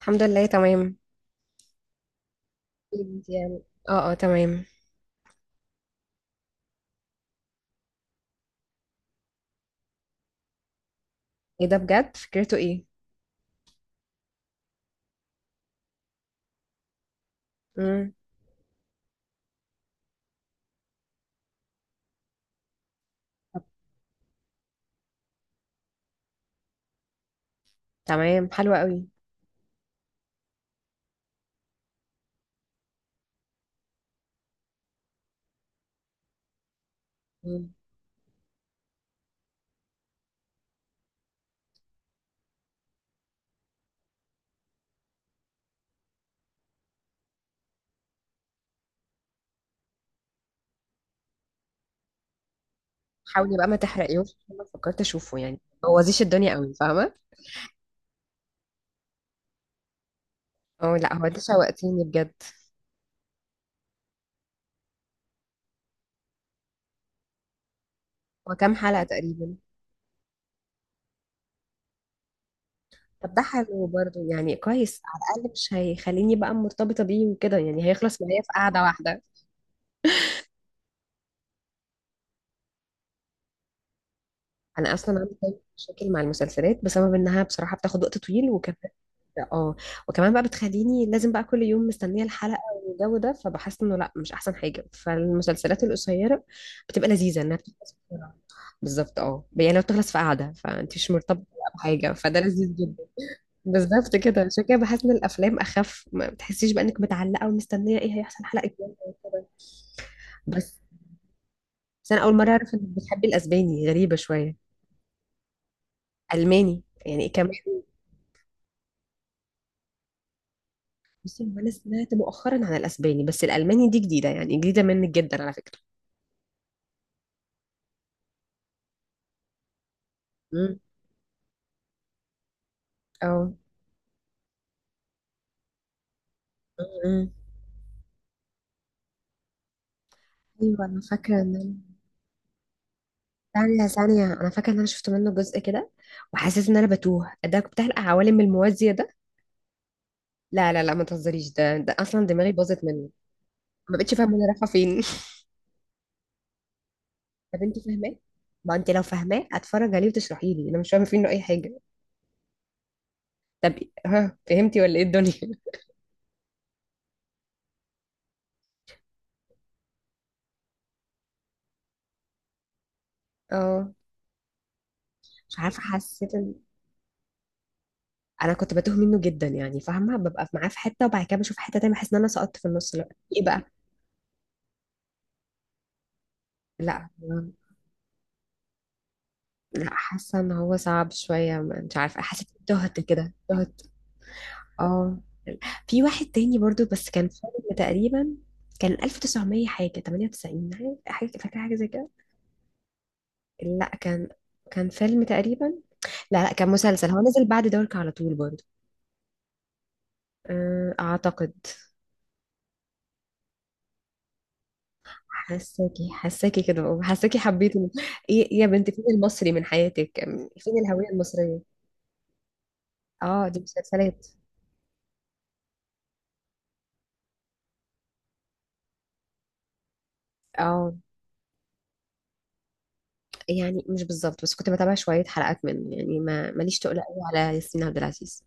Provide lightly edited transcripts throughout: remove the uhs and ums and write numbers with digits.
الحمد لله تمام. أكيد يعني، اه تمام. ايه ده بجد، فكرته ايه؟ امم تمام، حلوة قوي. مم. حاولي بقى ما تحرقيهوش، عشان أنا فكرت اشوفه، يعني ما بوظيش الدنيا قوي، فاهمه. اه لا، هو ده شوقتيني بجد. هو كام حلقة تقريبا؟ طب ده حلو برضه، يعني كويس، على الاقل مش هيخليني بقى مرتبطة بيه وكده، يعني هيخلص معايا في قعدة واحدة. انا اصلا عندي دايماً مشاكل مع المسلسلات بسبب انها بصراحه بتاخد وقت طويل، وكمان اه، وكمان بقى بتخليني لازم بقى كل يوم مستنيه الحلقه والجو ده، فبحس انه لا، مش احسن حاجه، فالمسلسلات القصيره بتبقى لذيذه انها بتخلص بسرعه. بالظبط اه، يعني لو بتخلص في قعده فانت مش مرتبطه بقى بحاجه، فده لذيذ جدا. بالظبط كده، عشان كده بحس ان الافلام اخف، ما بتحسيش بقى انك متعلقه ومستنيه ايه هيحصل الحلقه الجايه وكده. بس بس انا اول مره اعرف انك بتحبي الاسباني، غريبه شويه. الماني يعني كمان. بصي هو انا سمعت مؤخرا عن الاسباني، بس الالماني دي جديده، يعني جديده منك جدا على فكره. امم اه امم ايوه انا فاكره ان انا ثانيه ثانيه، انا فاكره ان انا شفت منه جزء كده، وحسيت ان انا بتوه، ده بتاع العوالم الموازيه ده. لا لا لا، ما تهزريش، ده اصلا دماغي باظت منه، ما بقتش فاهمه انا رايحه فين. طب انت فاهماه؟ ما انت لو فاهماه اتفرج عليه وتشرحي لي، انا مش فاهمه فيه انه اي حاجه. طب، ها فهمتي ولا ايه الدنيا؟ اه مش عارفه حسيت. انا كنت بتوه منه جدا، يعني فاهمه ببقى معاه في حته وبعد كده بشوف حته تانية، بحس ان انا سقطت في النص. لا ايه بقى؟ لا لا، حاسه ان هو صعب شويه، مش عارفه حسيت تهت كده تهت. اه، في واحد تاني برضو بس كان فيلم تقريبا، كان 1900 حاجة 98 حاجة، فاكرة حاجة زي كده. لا كان، كان فيلم تقريبا، لا لا كان مسلسل، هو نزل بعد دورك على طول برضو. أعتقد. حساكي حساكي كده والله، حساكي حبيته. ايه إيه يا بنتي، فين المصري من حياتك؟ فين الهوية المصرية؟ اه دي مسلسلات. اه يعني مش بالظبط، بس كنت بتابع شوية حلقات منه، يعني ما ماليش تقول قوي على ياسمين عبد العزيز.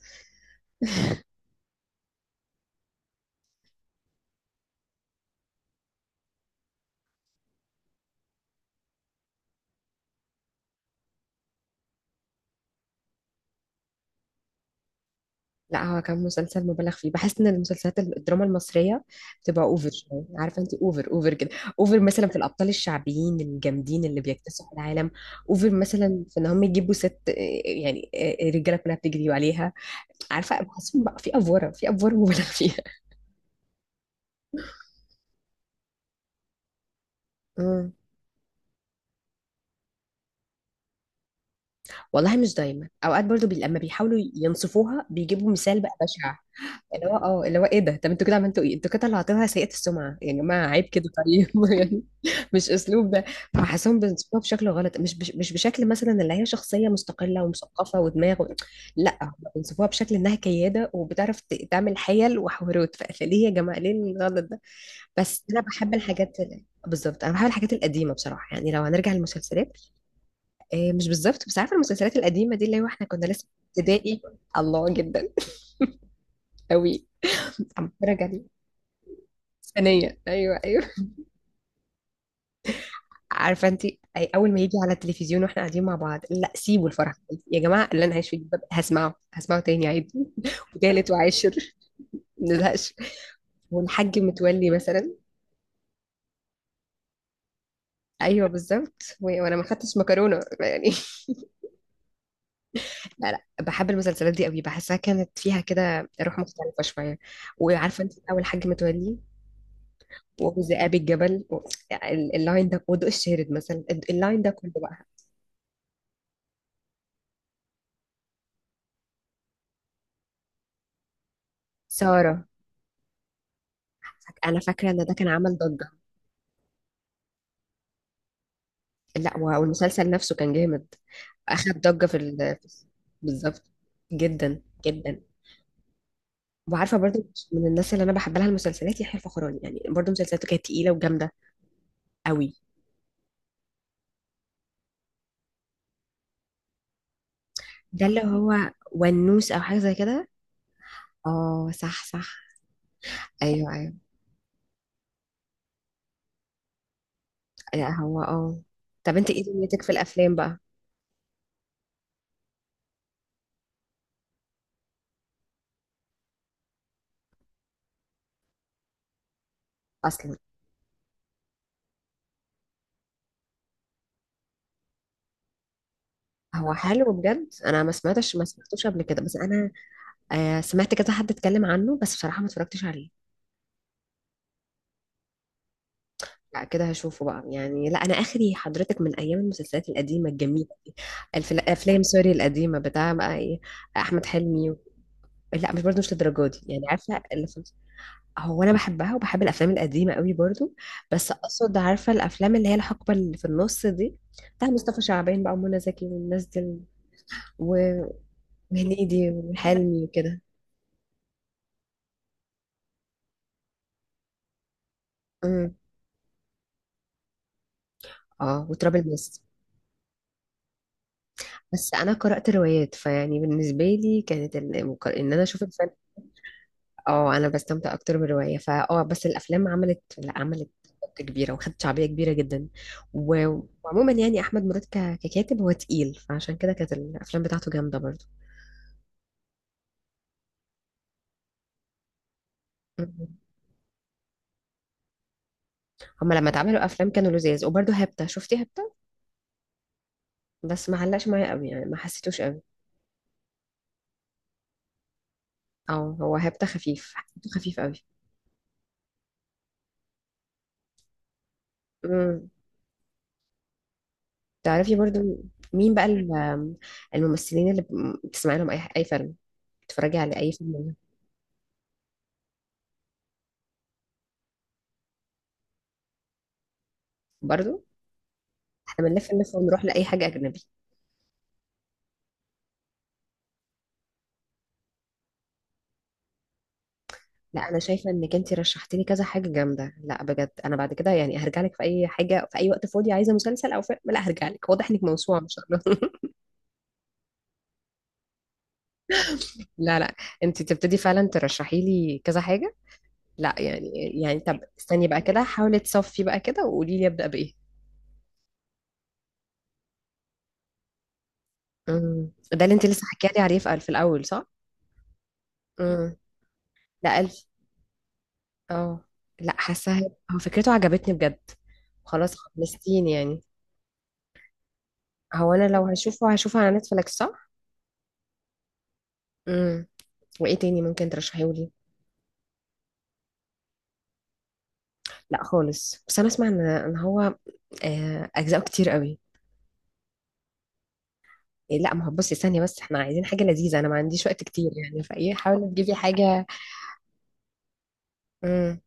لا هو كان مسلسل مبالغ فيه، بحس ان المسلسلات الدراما المصريه بتبقى اوفر شويه، عارفه انت، اوفر اوفر كده. اوفر مثلا في الابطال الشعبيين الجامدين اللي بيكتسحوا العالم. اوفر مثلا في ان هم يجيبوا ست يعني الرجاله كلها بتجري عليها، عارفه، بحسهم بقى في افوره، في افوره مبالغ فيها. مم. والله مش دايما، اوقات برضو لما بيحاولوا ينصفوها بيجيبوا مثال بقى بشع، اللي هو اه، اللي هو ايه ده، طب انتوا كده عملتوا ايه؟ انتوا كده طلعتوها سيئة السمعه يا جماعه، عيب كده طيب يعني، مش اسلوب ده. فحاسهم بينصفوها بشكل غلط، مش بشكل مثلا اللي هي شخصيه مستقله ومثقفه ودماغ و... لا هم بينصفوها بشكل انها كياده وبتعرف تعمل حيل وحوارات. فليه يا جماعه، ليه الغلط ده؟ بس انا بحب الحاجات ال- بالظبط، انا بحب الحاجات القديمه بصراحه، يعني لو هنرجع للمسلسلات. مش بالظبط، بس عارفه المسلسلات القديمه دي اللي هو احنا كنا لسه في ابتدائي. الله، جدا قوي. عم بتفرج عليه. ثانيه، ايوه ايوه. عارفه انت، أي اول ما يجي على التلفزيون واحنا قاعدين مع بعض، لا سيبوا الفرح يا جماعه، اللي انا عايش فيه جدا، هسمعه هسمعه تاني عادي وتالت وعاشر. ما نزهقش. والحاج متولي مثلا، ايوه بالظبط. وانا ما خدتش مكرونه يعني لا لا، بحب المسلسلات دي قوي، بحسها كانت فيها كده روح مختلفة شوية. وعارفة انت أول حاج متولي وذئاب الجبل و... اللاين ده، وضوء الشارد مثلا، اللاين ده كله بقى. سارة، أنا فاكرة إن ده كان عمل ضجة. لا والمسلسل نفسه كان جامد، أخد ضجة بالظبط، جدا جدا. وعارفة برضو من الناس اللي أنا بحب لها المسلسلات يحيى الفخراني، يعني برضو مسلسلاته كانت تقيلة وجامدة قوي. ده اللي هو ونوس أو حاجة زي كده. اه صح صح، ايوه أيوه. لا هو اه، طب انت ايه دنيتك في الافلام بقى؟ اصلا هو حلو بجد، انا ما سمعتش، ما سمعتوش قبل كده، بس انا آه سمعت كذا حد اتكلم عنه، بس بصراحه ما اتفرجتش عليه. لا كده هشوفه بقى يعني. لا انا اخري حضرتك من ايام المسلسلات القديمه الجميله دي. الافلام سوري القديمه بتاع بقى ايه، احمد حلمي و... لا مش برضه مش للدرجه دي، يعني عارفه اللي في... هو انا بحبها وبحب الافلام القديمه قوي برضه، بس اقصد عارفه الافلام اللي هي الحقبه اللي في النص دي، بتاع مصطفى شعبان بقى ومنى زكي والناس دي، وهنيدي وحلمي وكده. امم اه، وتراب الماس. بس انا قرأت روايات، فيعني بالنسبة لي كانت ان انا اشوف الفيلم. اه انا بستمتع اكتر بالرواية، فاه بس الافلام عملت، لا عملت ضجة كبيرة وخدت شعبية كبيرة جدا و... وعموما يعني احمد مراد ككاتب هو تقيل، فعشان كده كانت الافلام بتاعته جامدة برضه. مم. هما لما اتعملوا افلام كانوا لذاذ، وبرضه هبتة، شفتي هبتة؟ بس ما علقش معايا قوي يعني، ما حسيتوش قوي. اه هو هبتة خفيف، حسيته خفيف قوي. تعرفي برضو، مين بقى الممثلين اللي بتسمعي لهم اي اي فيلم، بتتفرجي على اي فيلم منهم؟ برضو، احنا بنلف نلف ونروح لاي حاجه اجنبي. لا انا شايفه انك انت رشحتي لي كذا حاجه جامده، لا بجد انا بعد كده يعني هرجع لك في اي حاجه في اي وقت فاضي عايزه مسلسل او فيلم، لا هرجع لك، واضح انك موسوعه ما شاء الله. لا لا، انت تبتدي فعلا ترشحي لي كذا حاجه. لا يعني، يعني طب استني بقى كده، حاولي تصفي بقى كده وقولي لي ابدا بايه. ده اللي انت لسه حكيتي عليه في الاول صح؟ امم لا اه لا حاساها. هو فكرته عجبتني بجد، خلاص خلصتيني يعني. هو انا لو هشوفه هشوفه على نتفليكس صح؟ امم، وايه تاني ممكن ترشحيهولي؟ لا خالص، بس انا اسمع ان هو اجزاءه كتير قوي. لا ما هو بصي ثانيه، بس احنا عايزين حاجه لذيذه، انا ما عنديش وقت كتير يعني، فايه حاولي تجيبي حاجه. امم،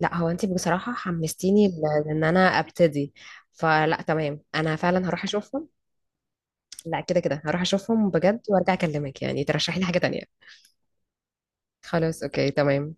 لا هو انت بصراحه حمستيني لان انا ابتدي، فلا تمام انا فعلا هروح اشوفهم. لا كده كده هروح اشوفهم بجد وارجع اكلمك، يعني ترشحي لي حاجه تانية. خلاص أوكي تمام.